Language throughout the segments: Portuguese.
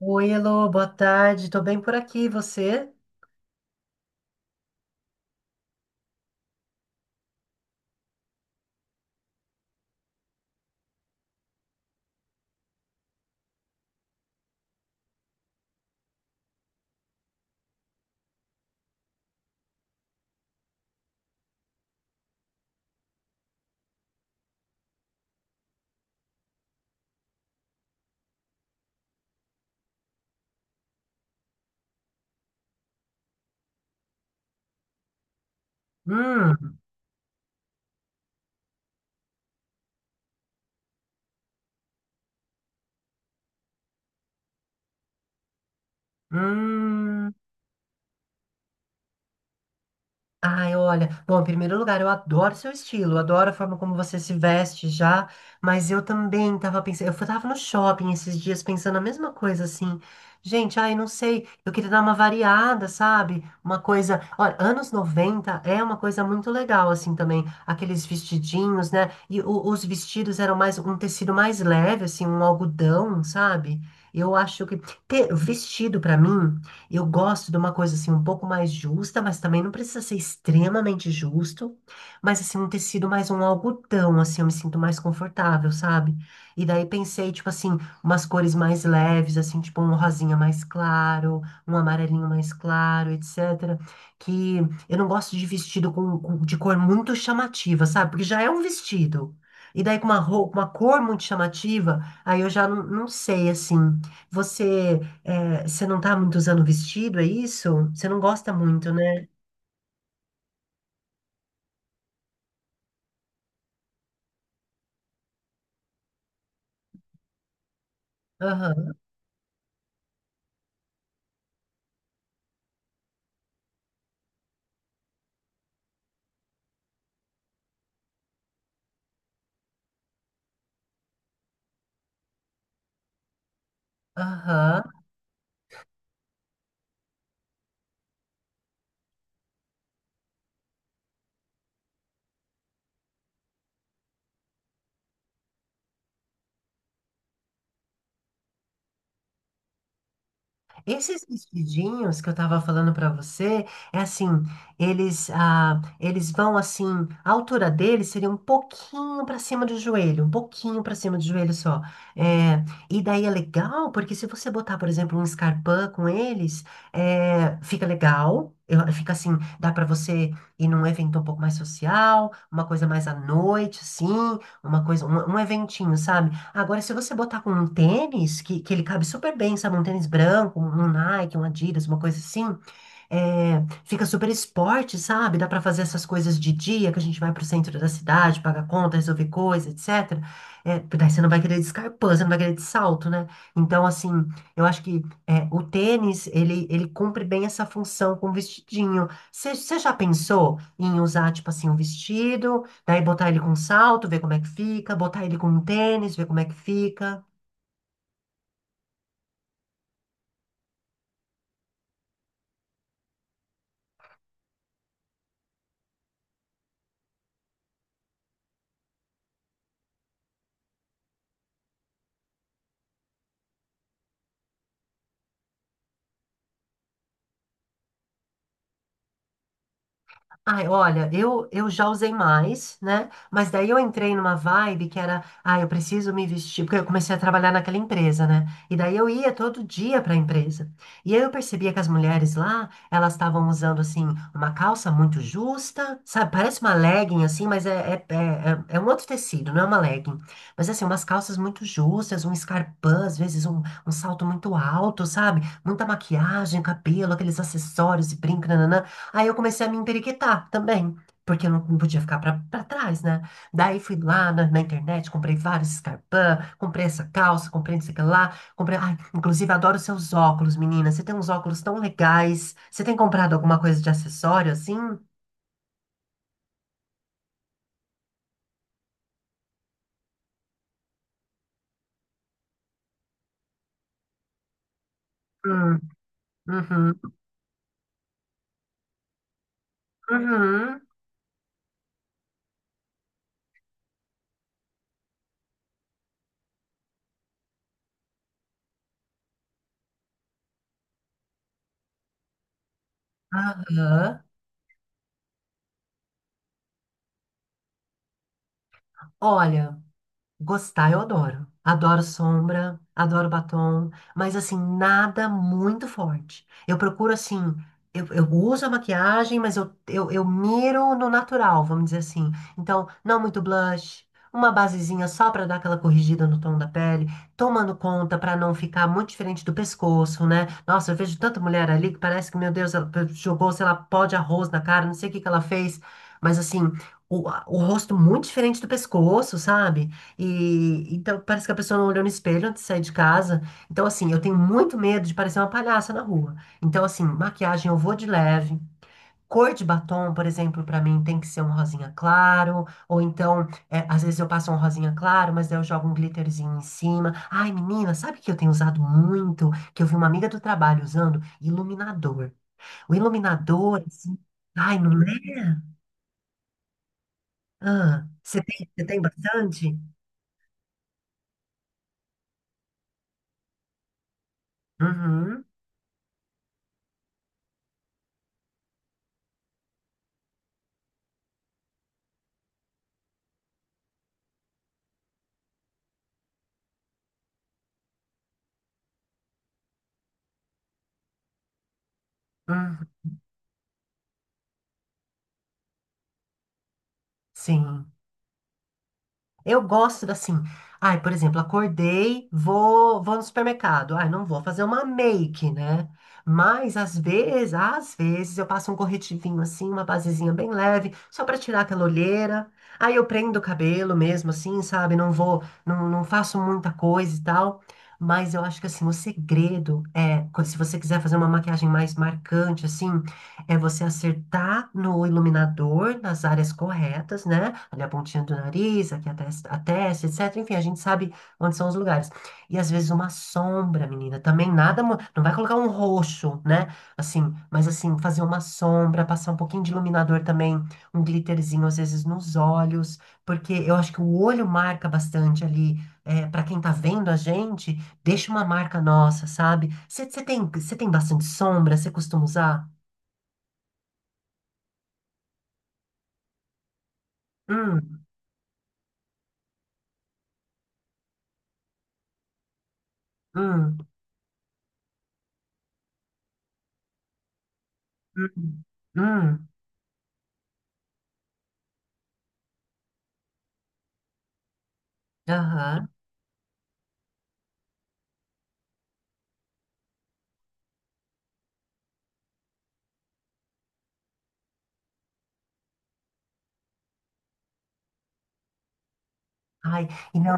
Oi, Elô, boa tarde. Tô bem por aqui, e você? Hum, hum. Ai, olha, bom, em primeiro lugar, eu adoro seu estilo, eu adoro a forma como você se veste já, mas eu também tava pensando, tava no shopping esses dias pensando a mesma coisa, assim, gente, ai, não sei, eu queria dar uma variada, sabe? Uma coisa, olha, anos 90 é uma coisa muito legal, assim, também, aqueles vestidinhos, né? E os vestidos eram mais, um tecido mais leve, assim, um algodão, sabe? Eu acho que ter vestido pra mim eu gosto de uma coisa assim um pouco mais justa, mas também não precisa ser extremamente justo, mas assim um tecido mais um algodão, assim eu me sinto mais confortável, sabe? E daí pensei tipo assim, umas cores mais leves, assim, tipo um rosinha mais claro, um amarelinho mais claro, etc. Que eu não gosto de vestido com de cor muito chamativa, sabe? Porque já é um vestido. E daí com uma roupa, uma cor muito chamativa, aí eu já não sei assim. Você é, você não tá muito usando vestido, é isso? Você não gosta muito, né? Aham, aham. Esses vestidinhos que eu tava falando pra você, é assim, eles, ah, eles vão assim, a altura deles seria um pouquinho pra cima do joelho, um pouquinho pra cima do joelho só. É, e daí é legal, porque se você botar, por exemplo, um escarpin com eles, é, fica legal. Fica assim, dá pra você ir num evento um pouco mais social, uma coisa mais à noite, assim, uma coisa, um eventinho, sabe? Agora, se você botar com um tênis, que ele cabe super bem, sabe? Um tênis branco, um Nike, um Adidas, uma coisa assim, é, fica super esporte, sabe? Dá para fazer essas coisas de dia, que a gente vai pro centro da cidade, paga conta, resolver coisa, etc. É, daí você não vai querer de escarpão, você não vai querer de salto, né? Então, assim, eu acho que é, o tênis, ele cumpre bem essa função com o vestidinho. Você já pensou em usar, tipo assim, um vestido, daí botar ele com salto, ver como é que fica, botar ele com um tênis, ver como é que fica? Ai, olha, eu já usei mais, né? Mas daí eu entrei numa vibe que era, ah, eu preciso me vestir, porque eu comecei a trabalhar naquela empresa, né? E daí eu ia todo dia para a empresa. E aí eu percebia que as mulheres lá, elas estavam usando, assim, uma calça muito justa, sabe? Parece uma legging, assim, mas é um outro tecido, não é uma legging. Mas, assim, umas calças muito justas, um escarpão, às vezes um salto muito alto, sabe? Muita maquiagem, cabelo, aqueles acessórios e brinco, nananã. Aí eu comecei a me emperequetar também, porque eu não podia ficar pra trás, né? Daí fui lá na internet, comprei vários escarpins, comprei essa calça, comprei não sei o que lá, comprei. Ai, inclusive, adoro seus óculos, menina. Você tem uns óculos tão legais. Você tem comprado alguma coisa de acessório assim? Hum, uhum, uhum, aham. Olha. Gostar, eu adoro. Adoro sombra, adoro batom, mas assim, nada muito forte. Eu procuro assim, eu uso a maquiagem, mas eu miro no natural, vamos dizer assim. Então, não muito blush, uma basezinha só pra dar aquela corrigida no tom da pele, tomando conta pra não ficar muito diferente do pescoço, né? Nossa, eu vejo tanta mulher ali que parece que, meu Deus, ela jogou, sei lá, pó de arroz na cara, não sei o que que ela fez, mas assim, o rosto muito diferente do pescoço, sabe? E então parece que a pessoa não olhou no espelho antes de sair de casa. Então, assim, eu tenho muito medo de parecer uma palhaça na rua. Então, assim, maquiagem eu vou de leve. Cor de batom, por exemplo, pra mim tem que ser um rosinha claro. Ou então, é, às vezes eu passo um rosinha claro, mas daí eu jogo um glitterzinho em cima. Ai, menina, sabe que eu tenho usado muito? Que eu vi uma amiga do trabalho usando iluminador. O iluminador, assim. Ai, não é? Ah, você tem bastante? Uhum, uhum, sim. Eu gosto assim. Ai, por exemplo, acordei, vou no supermercado. Ai, não vou fazer uma make, né? Mas às vezes eu passo um corretivinho assim, uma basezinha bem leve, só para tirar aquela olheira. Aí eu prendo o cabelo mesmo assim, sabe? Não vou, não faço muita coisa e tal. Mas eu acho que assim, o segredo é, se você quiser fazer uma maquiagem mais marcante assim, é você acertar no iluminador, nas áreas corretas, né? Ali a pontinha do nariz, aqui a testa, etc. Enfim, a gente sabe onde são os lugares. E às vezes uma sombra, menina, também nada. Não vai colocar um roxo, né? Mas assim, fazer uma sombra, passar um pouquinho de iluminador também, um glitterzinho às vezes nos olhos, porque eu acho que o olho marca bastante ali. É, para quem tá vendo a gente, deixa uma marca nossa, sabe? Você tem bastante sombra, você costuma usar? Hum, hum, hum, hum. Aham. Ai, e não,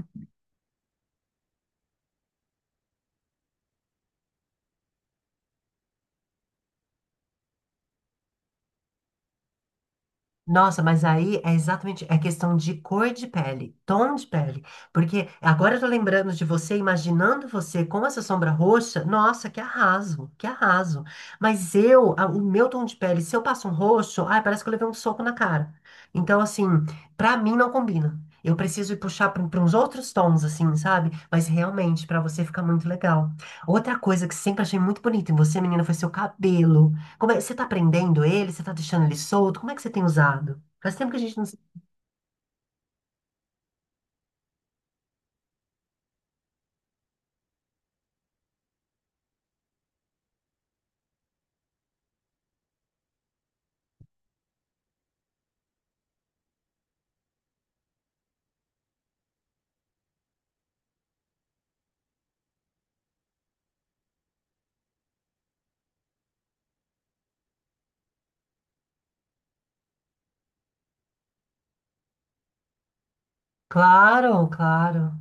nossa, mas aí é exatamente é questão de cor de pele, tom de pele. Porque agora eu tô lembrando de você, imaginando você com essa sombra roxa. Nossa, que arraso, que arraso. Mas eu, o meu tom de pele, se eu passo um roxo, ai, parece que eu levei um soco na cara. Então, assim, pra mim não combina. Eu preciso ir puxar para uns outros tons, assim, sabe? Mas realmente, pra você fica muito legal. Outra coisa que sempre achei muito bonita em você, menina, foi seu cabelo. Como é, você tá prendendo ele? Você tá deixando ele solto? Como é que você tem usado? Faz tempo que a gente não se... Claro, claro.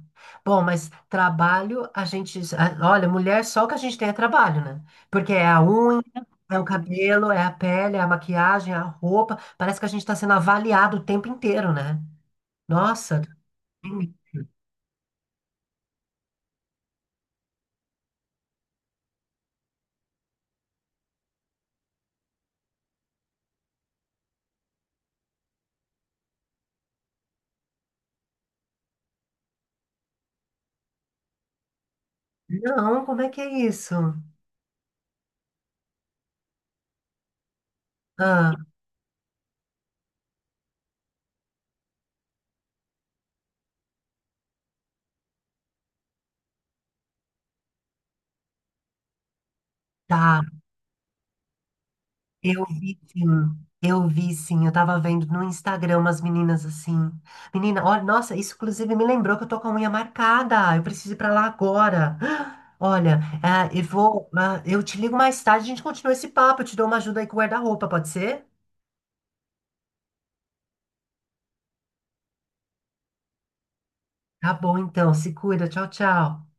Bom, mas trabalho, olha, mulher, só o que a gente tem é trabalho, né? Porque é a unha, é o cabelo, é a pele, é a maquiagem, é a roupa. Parece que a gente tá sendo avaliado o tempo inteiro, né? Nossa. Não, como é que é isso? Ah, tá. Eu vi sim, eu vi sim. Eu tava vendo no Instagram umas meninas assim. Menina, olha, nossa, isso inclusive me lembrou que eu tô com a unha marcada. Eu preciso ir pra lá agora. Olha, eu vou. Eu te ligo mais tarde, a gente continua esse papo. Eu te dou uma ajuda aí com o guarda-roupa, pode ser? Tá bom, então. Se cuida. Tchau, tchau.